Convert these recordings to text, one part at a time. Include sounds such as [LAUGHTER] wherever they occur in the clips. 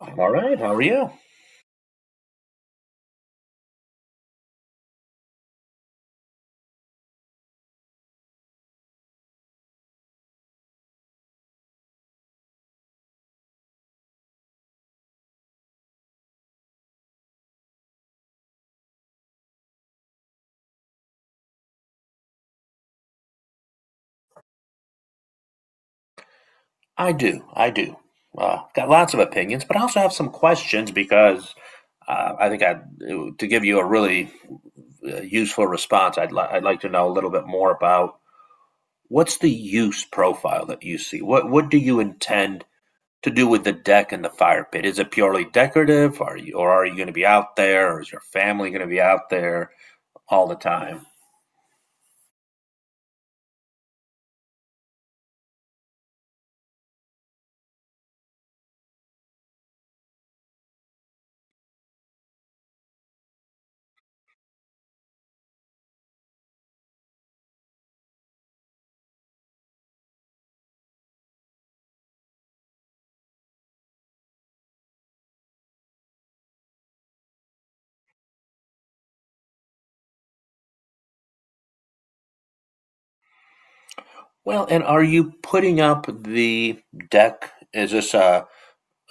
I'm all right. How are you? I do. I do. Got lots of opinions, but I also have some questions because I think I to give you a really useful response. I'd like to know a little bit more about what's the use profile that you see. What do you intend to do with the deck and the fire pit? Is it purely decorative? Are you going to be out there? Or is your family going to be out there all the time? Well, and are you putting up the deck? Is this a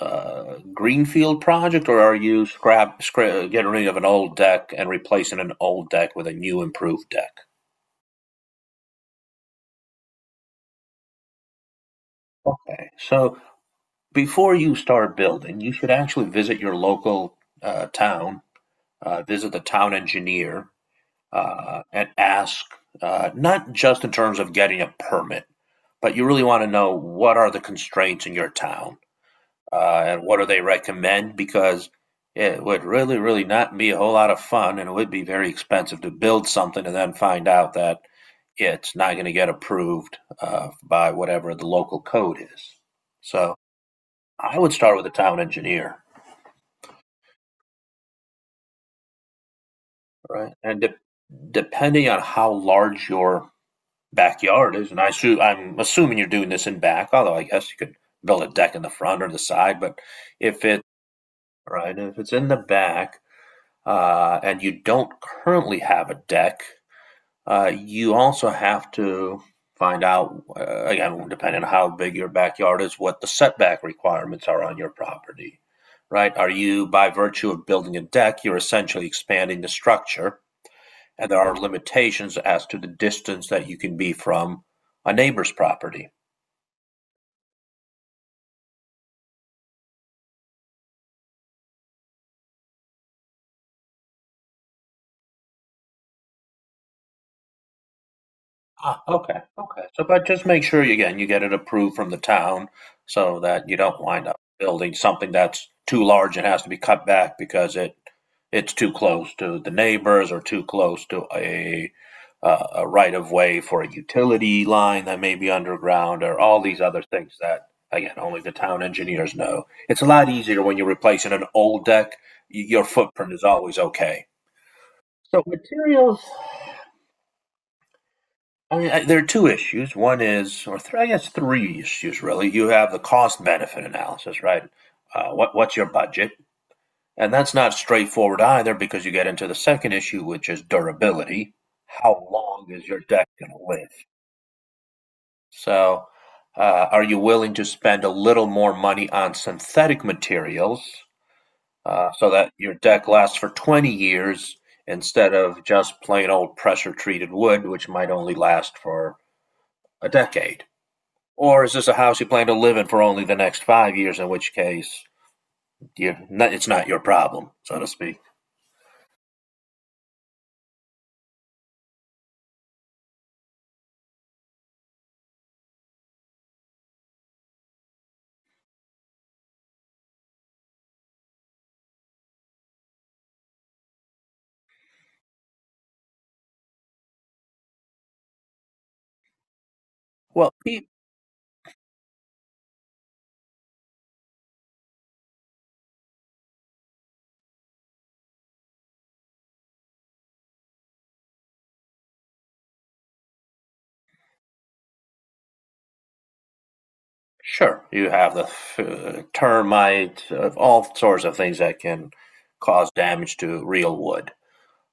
greenfield project, or are you scrap getting rid of an old deck and replacing an old deck with a new improved deck? Okay, so before you start building, you should actually visit your local town, visit the town engineer, and ask not just in terms of getting a permit, but you really want to know what are the constraints in your town and what do they recommend? Because it would really, really not be a whole lot of fun, and it would be very expensive to build something and then find out that it's not going to get approved by whatever the local code is. So I would start with a town engineer, right? Depending on how large your backyard is, and I'm assuming you're doing this in back, although I guess you could build a deck in the front or the side, but if it right, if it's in the back, and you don't currently have a deck, you also have to find out, again, depending on how big your backyard is, what the setback requirements are on your property, right? Are you, by virtue of building a deck, you're essentially expanding the structure, and there are limitations as to the distance that you can be from a neighbor's property. Ah, okay, okay. So, but just make sure you, again, you get it approved from the town so that you don't wind up building something that's too large and has to be cut back it's too close to the neighbors or too close to a right of way for a utility line that may be underground or all these other things that, again, only the town engineers know. It's a lot easier when you're replacing an old deck. Your footprint is always okay. So materials, there are two issues. Or three, I guess three issues really. You have the cost benefit analysis, right? What's your budget? And that's not straightforward either because you get into the second issue, which is durability. How long is your deck going to live? So, are you willing to spend a little more money on synthetic materials so that your deck lasts for 20 years instead of just plain old pressure treated wood, which might only last for a decade? Or is this a house you plan to live in for only the next 5 years, in which case you're not, it's not your problem, so to speak? Well, sure, you have the termite, all sorts of things that can cause damage to real wood.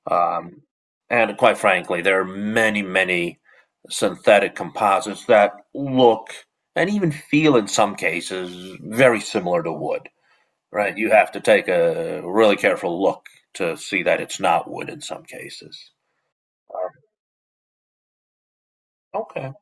Um, and quite frankly, there are many, many synthetic composites that look and even feel in some cases very similar to wood. Right? You have to take a really careful look to see that it's not wood in some cases. Okay.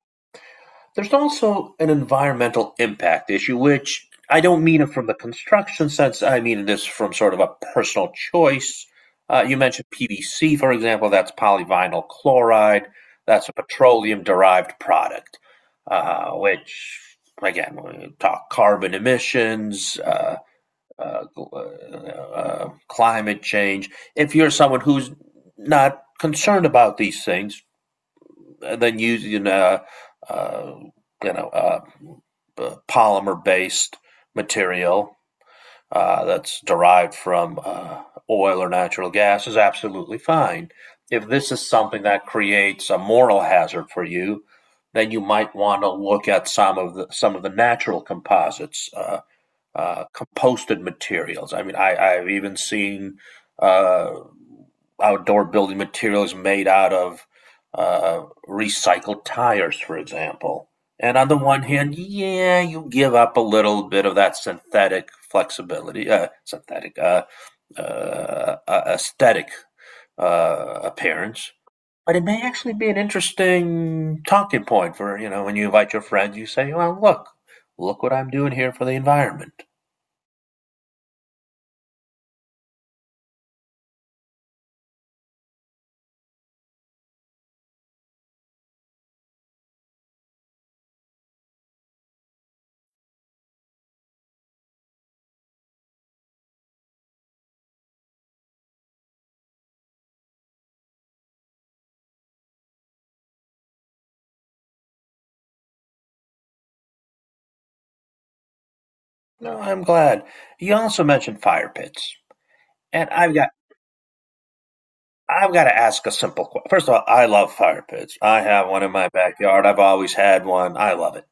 There's also an environmental impact issue, which I don't mean it from the construction sense. I mean this from sort of a personal choice. You mentioned PVC, for example. That's polyvinyl chloride. That's a petroleum derived product, which, again, we talk carbon emissions, uh, climate change. If you're someone who's not concerned about these things, then using uh, you know polymer-based material that's derived from oil or natural gas is absolutely fine. If this is something that creates a moral hazard for you, then you might want to look at some of the natural composites. Composted materials. I've even seen uh, outdoor building materials made out of uh, recycled tires, for example. And on the one hand, yeah, you give up a little bit of that synthetic flexibility, synthetic aesthetic appearance. But it may actually be an interesting talking point for when you invite your friends, you say, "Well, look, look what I'm doing here for the environment." No, I'm glad. You also mentioned fire pits, and I've got to ask a simple question. First of all, I love fire pits. I have one in my backyard. I've always had one. I love it.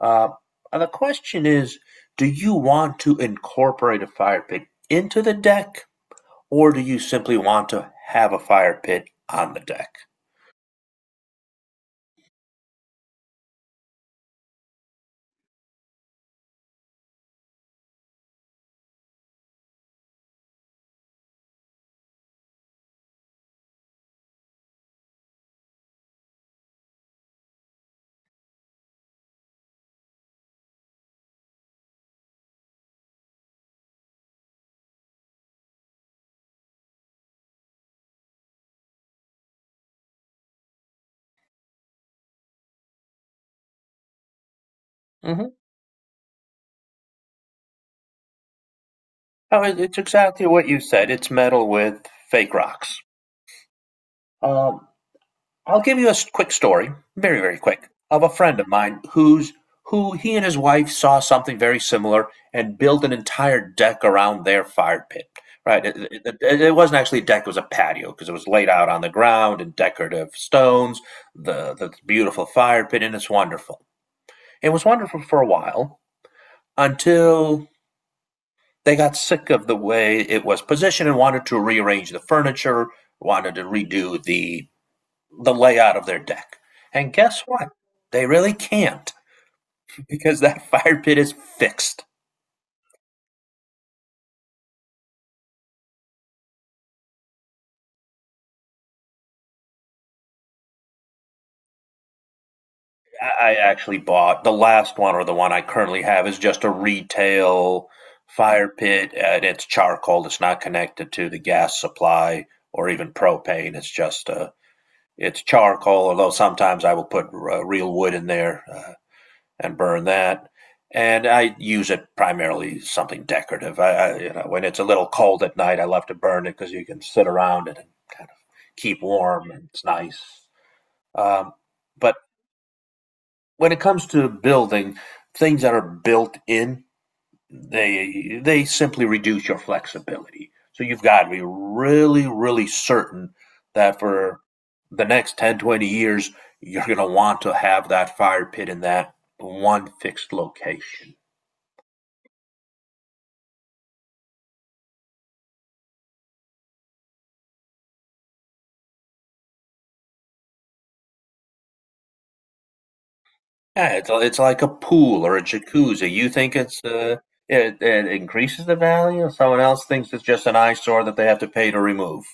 Uh, and the question is, do you want to incorporate a fire pit into the deck, or do you simply want to have a fire pit on the deck? Mm-hmm. Oh, it's exactly what you said. It's metal with fake rocks. Um, I'll give you a quick story, very, very quick, of a friend of mine who he and his wife saw something very similar and built an entire deck around their fire pit. Right, it wasn't actually a deck; it was a patio because it was laid out on the ground and decorative stones, the beautiful fire pit, and it's wonderful. It was wonderful for a while until they got sick of the way it was positioned and wanted to rearrange the furniture, wanted to redo the layout of their deck. And guess what? They really can't because that [LAUGHS] fire pit is fixed. I actually bought the last one or the one I currently have is just a retail fire pit and it's charcoal. It's not connected to the gas supply or even propane. It's just a it's charcoal, although sometimes I will put real wood in there. And burn that. And I use it primarily something decorative. I you know when it's a little cold at night, I love to burn it because you can sit around it and kind of keep warm and it's nice. Um, but when it comes to building things that are built in, they simply reduce your flexibility. So you've got to be really, really certain that for the next 10, 20 years, you're going to want to have that fire pit in that one fixed location. Yeah, it's like a pool or a jacuzzi. You think it's it increases the value, someone else thinks it's just an eyesore that they have to pay to remove.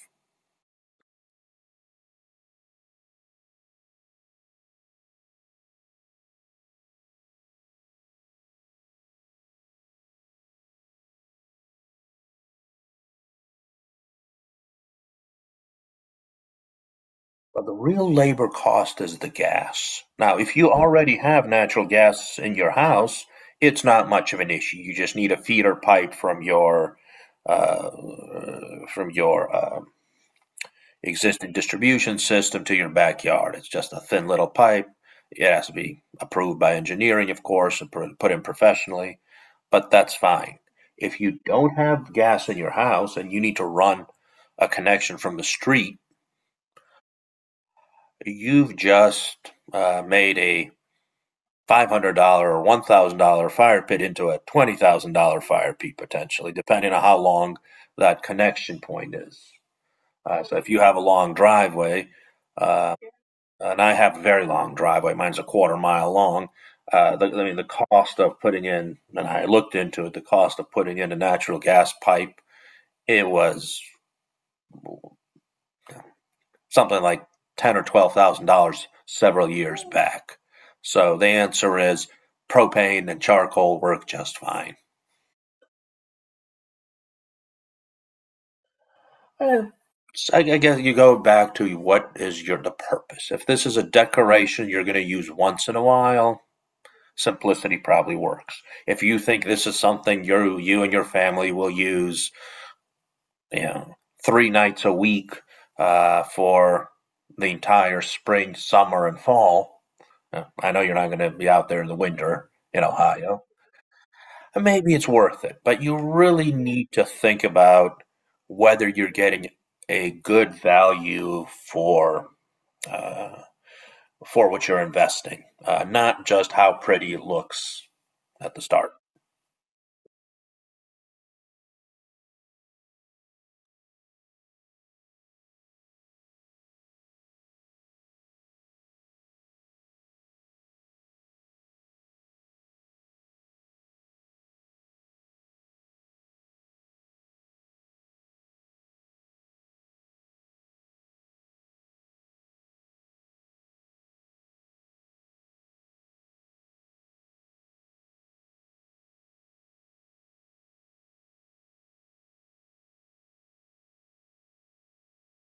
But the real labor cost is the gas. Now, if you already have natural gas in your house, it's not much of an issue. You just need a feeder pipe from uh, your existing distribution system to your backyard. It's just a thin little pipe. It has to be approved by engineering, of course, and put in professionally, but that's fine. If you don't have gas in your house and you need to run a connection from the street, you've just made a $500 or $1,000 fire pit into a $20,000 fire pit potentially, depending on how long that connection point is. So if you have a long driveway, uh, and I have a very long driveway. Mine's a quarter mile long. The cost of putting in, and I looked into it, the cost of putting in a natural gas pipe, it was something like 10 or 12,000 dollars several years back. So the answer is propane and charcoal work just fine. Eh, so I guess you go back to what is your the purpose. If this is a decoration you're going to use once in a while, simplicity probably works. If you think this is something you and your family will use, you know, 3 nights a week for the entire spring, summer, and fall, I know you're not going to be out there in the winter in Ohio. Maybe it's worth it, but you really need to think about whether you're getting a good value for uh, for what you're investing, not just how pretty it looks at the start.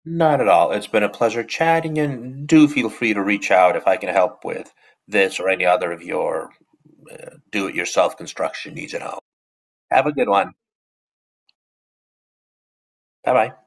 Not at all. It's been a pleasure chatting, and do feel free to reach out if I can help with this or any other of your do it yourself construction needs at home. Have a good one. Bye bye.